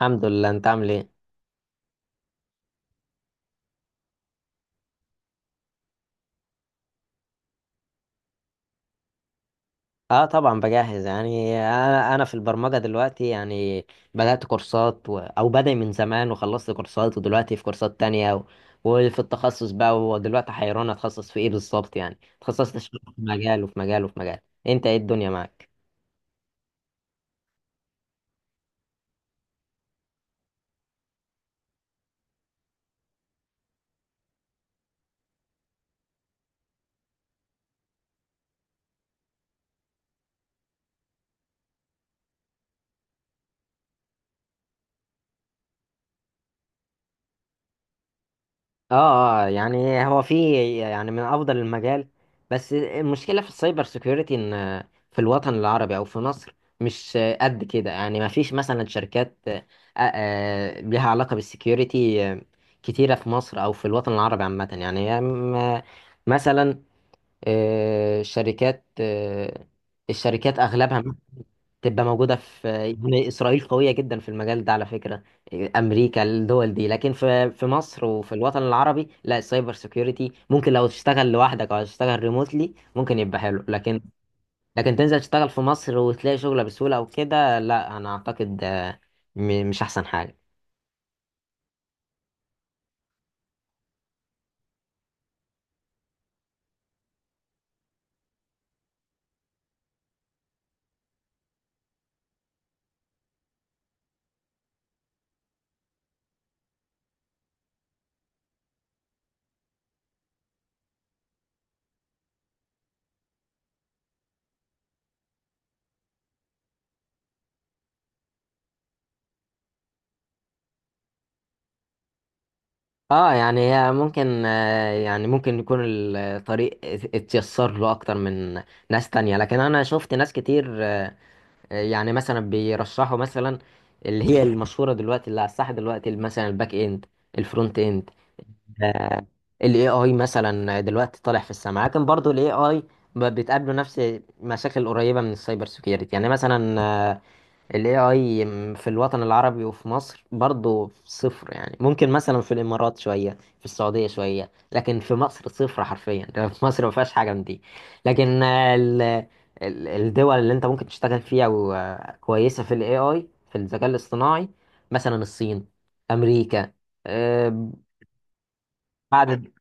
الحمد لله، انت عامل ايه؟ اه طبعا بجهز، يعني انا في البرمجه دلوقتي. يعني بدات كورسات و... او بدأ من زمان وخلصت كورسات، ودلوقتي في كورسات تانية وفي التخصص بقى، ودلوقتي حيران اتخصص في ايه بالظبط. يعني اتخصصت في مجال وفي مجال وفي مجال. انت ايه الدنيا معاك؟ اه. يعني هو يعني من افضل المجال، بس المشكله في السايبر سيكيورتي ان في الوطن العربي او في مصر مش قد كده. يعني ما فيش مثلا شركات ليها علاقه بالسيكيورتي، كتيره في مصر او في الوطن العربي عامه. يعني هي مثلا شركات، الشركات اغلبها تبقى موجودة في، يعني إسرائيل قوية جدا في المجال ده على فكرة، أمريكا، الدول دي. لكن في في مصر وفي الوطن العربي لا، السايبر سيكيورتي ممكن لو تشتغل لوحدك أو تشتغل ريموتلي ممكن يبقى حلو، لكن لكن تنزل تشتغل في مصر وتلاقي شغلة بسهولة أو كده لا. أنا أعتقد مش أحسن حاجة. اه يعني هي ممكن، يعني ممكن يكون الطريق اتيسر له اكتر من ناس تانية، لكن انا شفت ناس كتير يعني مثلا بيرشحوا مثلا اللي هي المشهوره دلوقتي، اللي على الساحه دلوقتي، مثلا الباك اند، الفرونت اند، آه، ال AI مثلا دلوقتي طالع في السماء. لكن برضو ال AI بتقابله نفس مشاكل قريبة من السايبر سيكيورتي. يعني مثلا ال AI في الوطن العربي وفي مصر برضو صفر. يعني ممكن مثلا في الإمارات شوية، في السعودية شوية، لكن في مصر صفر حرفيا. في مصر ما فيهاش حاجة من دي، لكن ال- الدول اللي انت ممكن تشتغل فيها وكويسة في ال AI في الذكاء الاصطناعي، مثلا الصين، أمريكا، آه، بعد.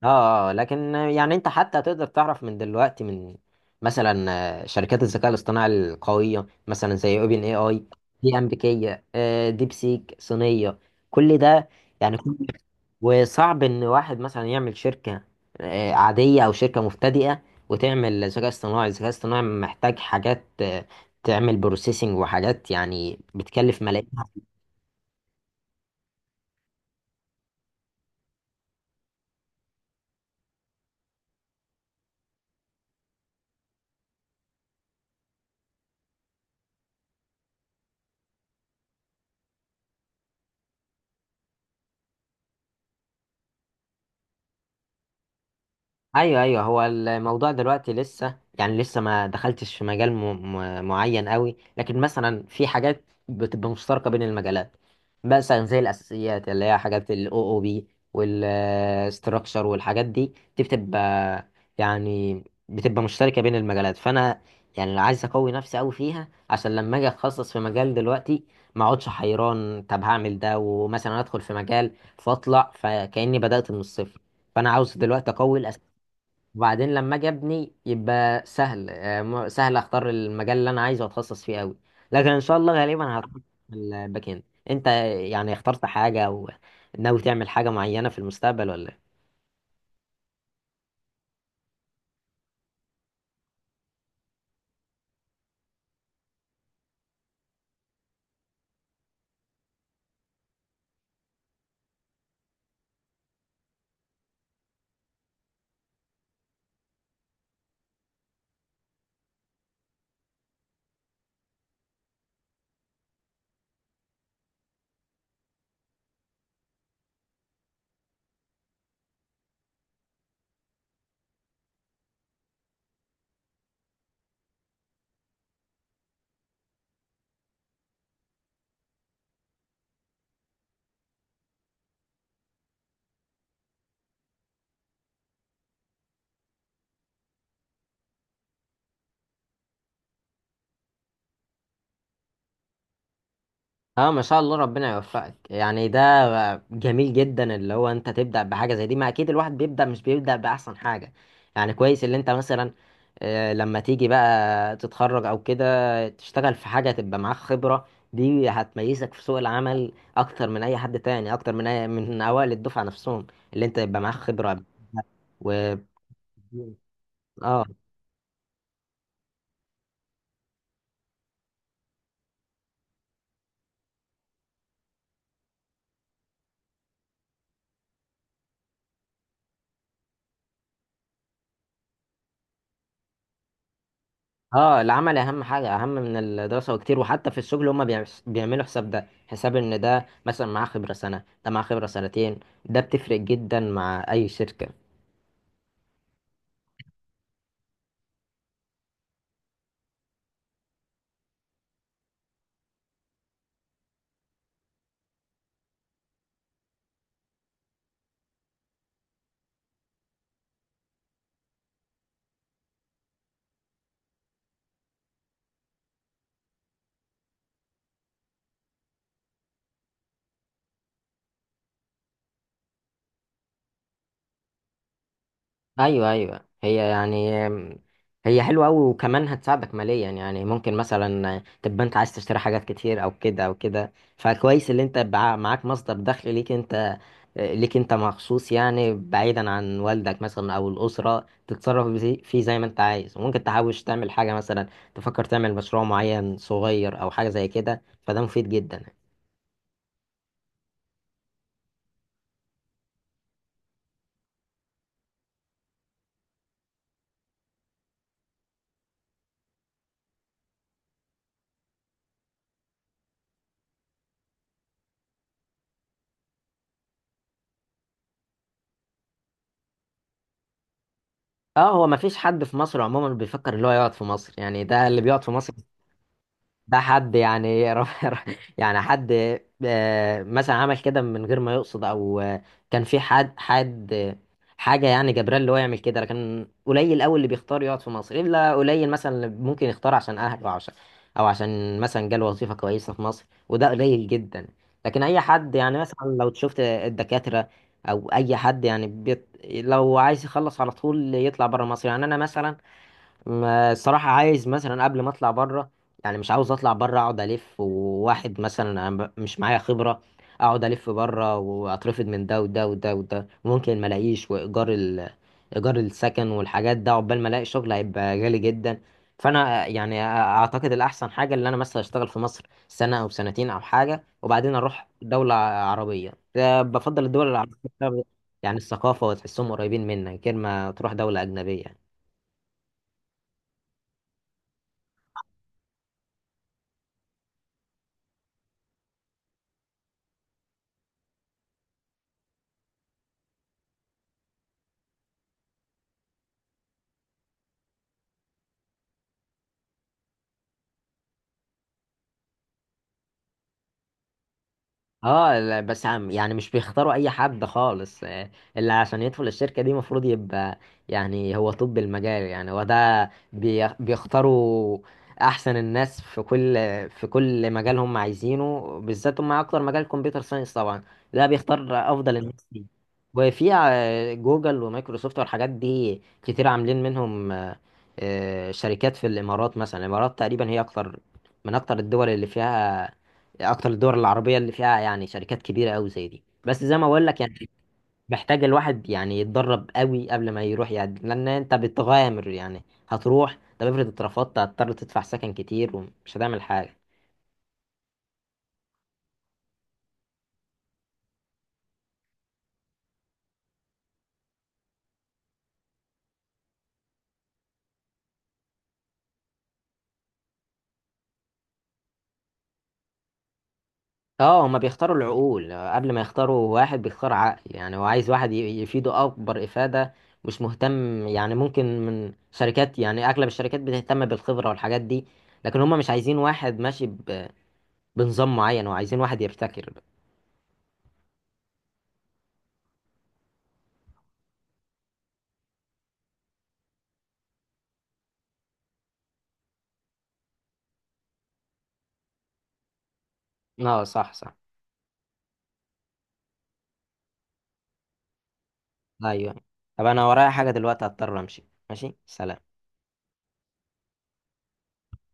اه اه، لكن يعني انت حتى تقدر تعرف من دلوقتي من مثلا شركات الذكاء الاصطناعي القوية، مثلا زي اوبن اي اي، دي امريكية، ديب سيك صينية. كل ده، يعني وصعب ان واحد مثلا يعمل شركة عادية او شركة مبتدئة وتعمل ذكاء اصطناعي. الذكاء الاصطناعي محتاج حاجات تعمل بروسيسنج وحاجات، يعني بتكلف ملايين. ايوه ايوه. هو الموضوع دلوقتي لسه، يعني لسه ما دخلتش في مجال معين قوي، لكن مثلا في حاجات بتبقى مشتركه بين المجالات، مثلا زي الاساسيات اللي هي حاجات الاو او بي والاستراكشر والحاجات دي، دي يعني بتبقى مشتركه بين المجالات. فانا يعني لو عايز اقوي نفسي قوي فيها، عشان لما اجي اتخصص في مجال دلوقتي ما اقعدش حيران. طب هعمل ده، ومثلا ادخل في مجال فاطلع فكاني بدات من الصفر. فانا عاوز دلوقتي اقوي، وبعدين لما اجي ابني يبقى سهل، سهل اختار المجال اللي انا عايزه واتخصص فيه قوي. لكن ان شاء الله غالبا هتخصص في الباك اند. انت يعني اخترت حاجه او ناوي تعمل حاجه معينه في المستقبل ولا؟ اه ما شاء الله، ربنا يوفقك. يعني ده جميل جدا اللي هو انت تبدأ بحاجة زي دي. ما اكيد الواحد بيبدأ، مش بيبدأ بأحسن حاجة. يعني كويس اللي انت مثلا لما تيجي بقى تتخرج او كده تشتغل في حاجة تبقى معاك خبرة، دي هتميزك في سوق العمل اكتر من اي حد تاني، اكتر من أي من اوائل الدفعة نفسهم، اللي انت يبقى معاك خبرة و اه بالظبط. اه، العمل اهم حاجه، اهم من الدراسه وكتير. وحتى في الشغل هما بيعملوا حساب، ده حساب ان ده مثلا معاه خبره سنه، ده معاه خبره سنتين، ده بتفرق جدا مع اي شركه. ايوه ايوه. هي يعني هي حلوه قوي، وكمان هتساعدك ماليا. يعني ممكن مثلا تبقى انت عايز تشتري حاجات كتير او كده او كده، فكويس اللي انت معاك مصدر دخل ليك انت، ليك انت مخصوص، يعني بعيدا عن والدك مثلا او الاسره، تتصرف بزي- فيه زي ما انت عايز. وممكن تحوش تعمل حاجه، مثلا تفكر تعمل مشروع معين صغير او حاجه زي كده، فده مفيد جدا. اه هو مفيش حد في مصر عموما بيفكر اللي هو يقعد في مصر. يعني ده اللي بيقعد في مصر ده حد يعني يعني حد مثلا عمل كده من غير ما يقصد، او كان في حد حاجه، يعني جبران اللي هو يعمل كده. لكن قليل قوي اللي بيختار يقعد في مصر، الا قليل مثلا اللي ممكن يختار عشان اهله او عشان او عشان مثلا جاله وظيفه كويسه في مصر، وده قليل جدا. لكن اي حد يعني مثلا لو شفت الدكاتره او اي حد، يعني بيت لو عايز يخلص على طول يطلع بره مصر. يعني انا مثلا ما الصراحة عايز مثلا قبل ما اطلع بره، يعني مش عاوز اطلع بره اقعد الف وواحد مثلا انا مش معايا خبرة، اقعد الف بره واترفض من ده وده وده وده، ممكن ما الاقيش، وايجار ايجار السكن والحاجات ده عقبال ما الاقي شغل هيبقى غالي جدا. فانا يعني اعتقد الاحسن حاجة اللي انا مثلا اشتغل في مصر سنة او سنتين او حاجة، وبعدين اروح دولة عربية. ده بفضل الدول العربية بسبب يعني الثقافة، وتحسهم قريبين منك غير ما تروح دولة أجنبية. اه لا، بس عم يعني مش بيختاروا اي حد خالص. اللي عشان يدخل الشركة دي المفروض يبقى يعني هو طب المجال يعني هو ده بيختاروا احسن الناس في كل في كل مجال هم عايزينه، بالذات هم اكتر مجال كمبيوتر ساينس طبعا ده بيختار افضل الناس دي. وفي جوجل ومايكروسوفت والحاجات دي كتير عاملين منهم شركات في الامارات. مثلا الامارات تقريبا هي اكتر من اكتر الدول اللي فيها، اكتر الدول العربيه اللي فيها يعني شركات كبيره قوي زي دي. بس زي ما بقول لك يعني محتاج الواحد يعني يتدرب قوي قبل ما يروح، يعني لان انت بتغامر. يعني هتروح، طب افرض اترفضت، هتضطر تدفع سكن كتير ومش هتعمل حاجه. اه، هما بيختاروا العقول قبل ما يختاروا. واحد بيختار عقل، يعني هو عايز واحد يفيده اكبر افاده، مش مهتم. يعني ممكن من شركات، يعني اغلب الشركات بتهتم بالخبره والحاجات دي، لكن هما مش عايزين واحد ماشي بنظام معين، وعايزين واحد يبتكر. اه صح صح. ايوه. طب انا ورايا حاجة دلوقتي، هضطر امشي. ماشي، سلام.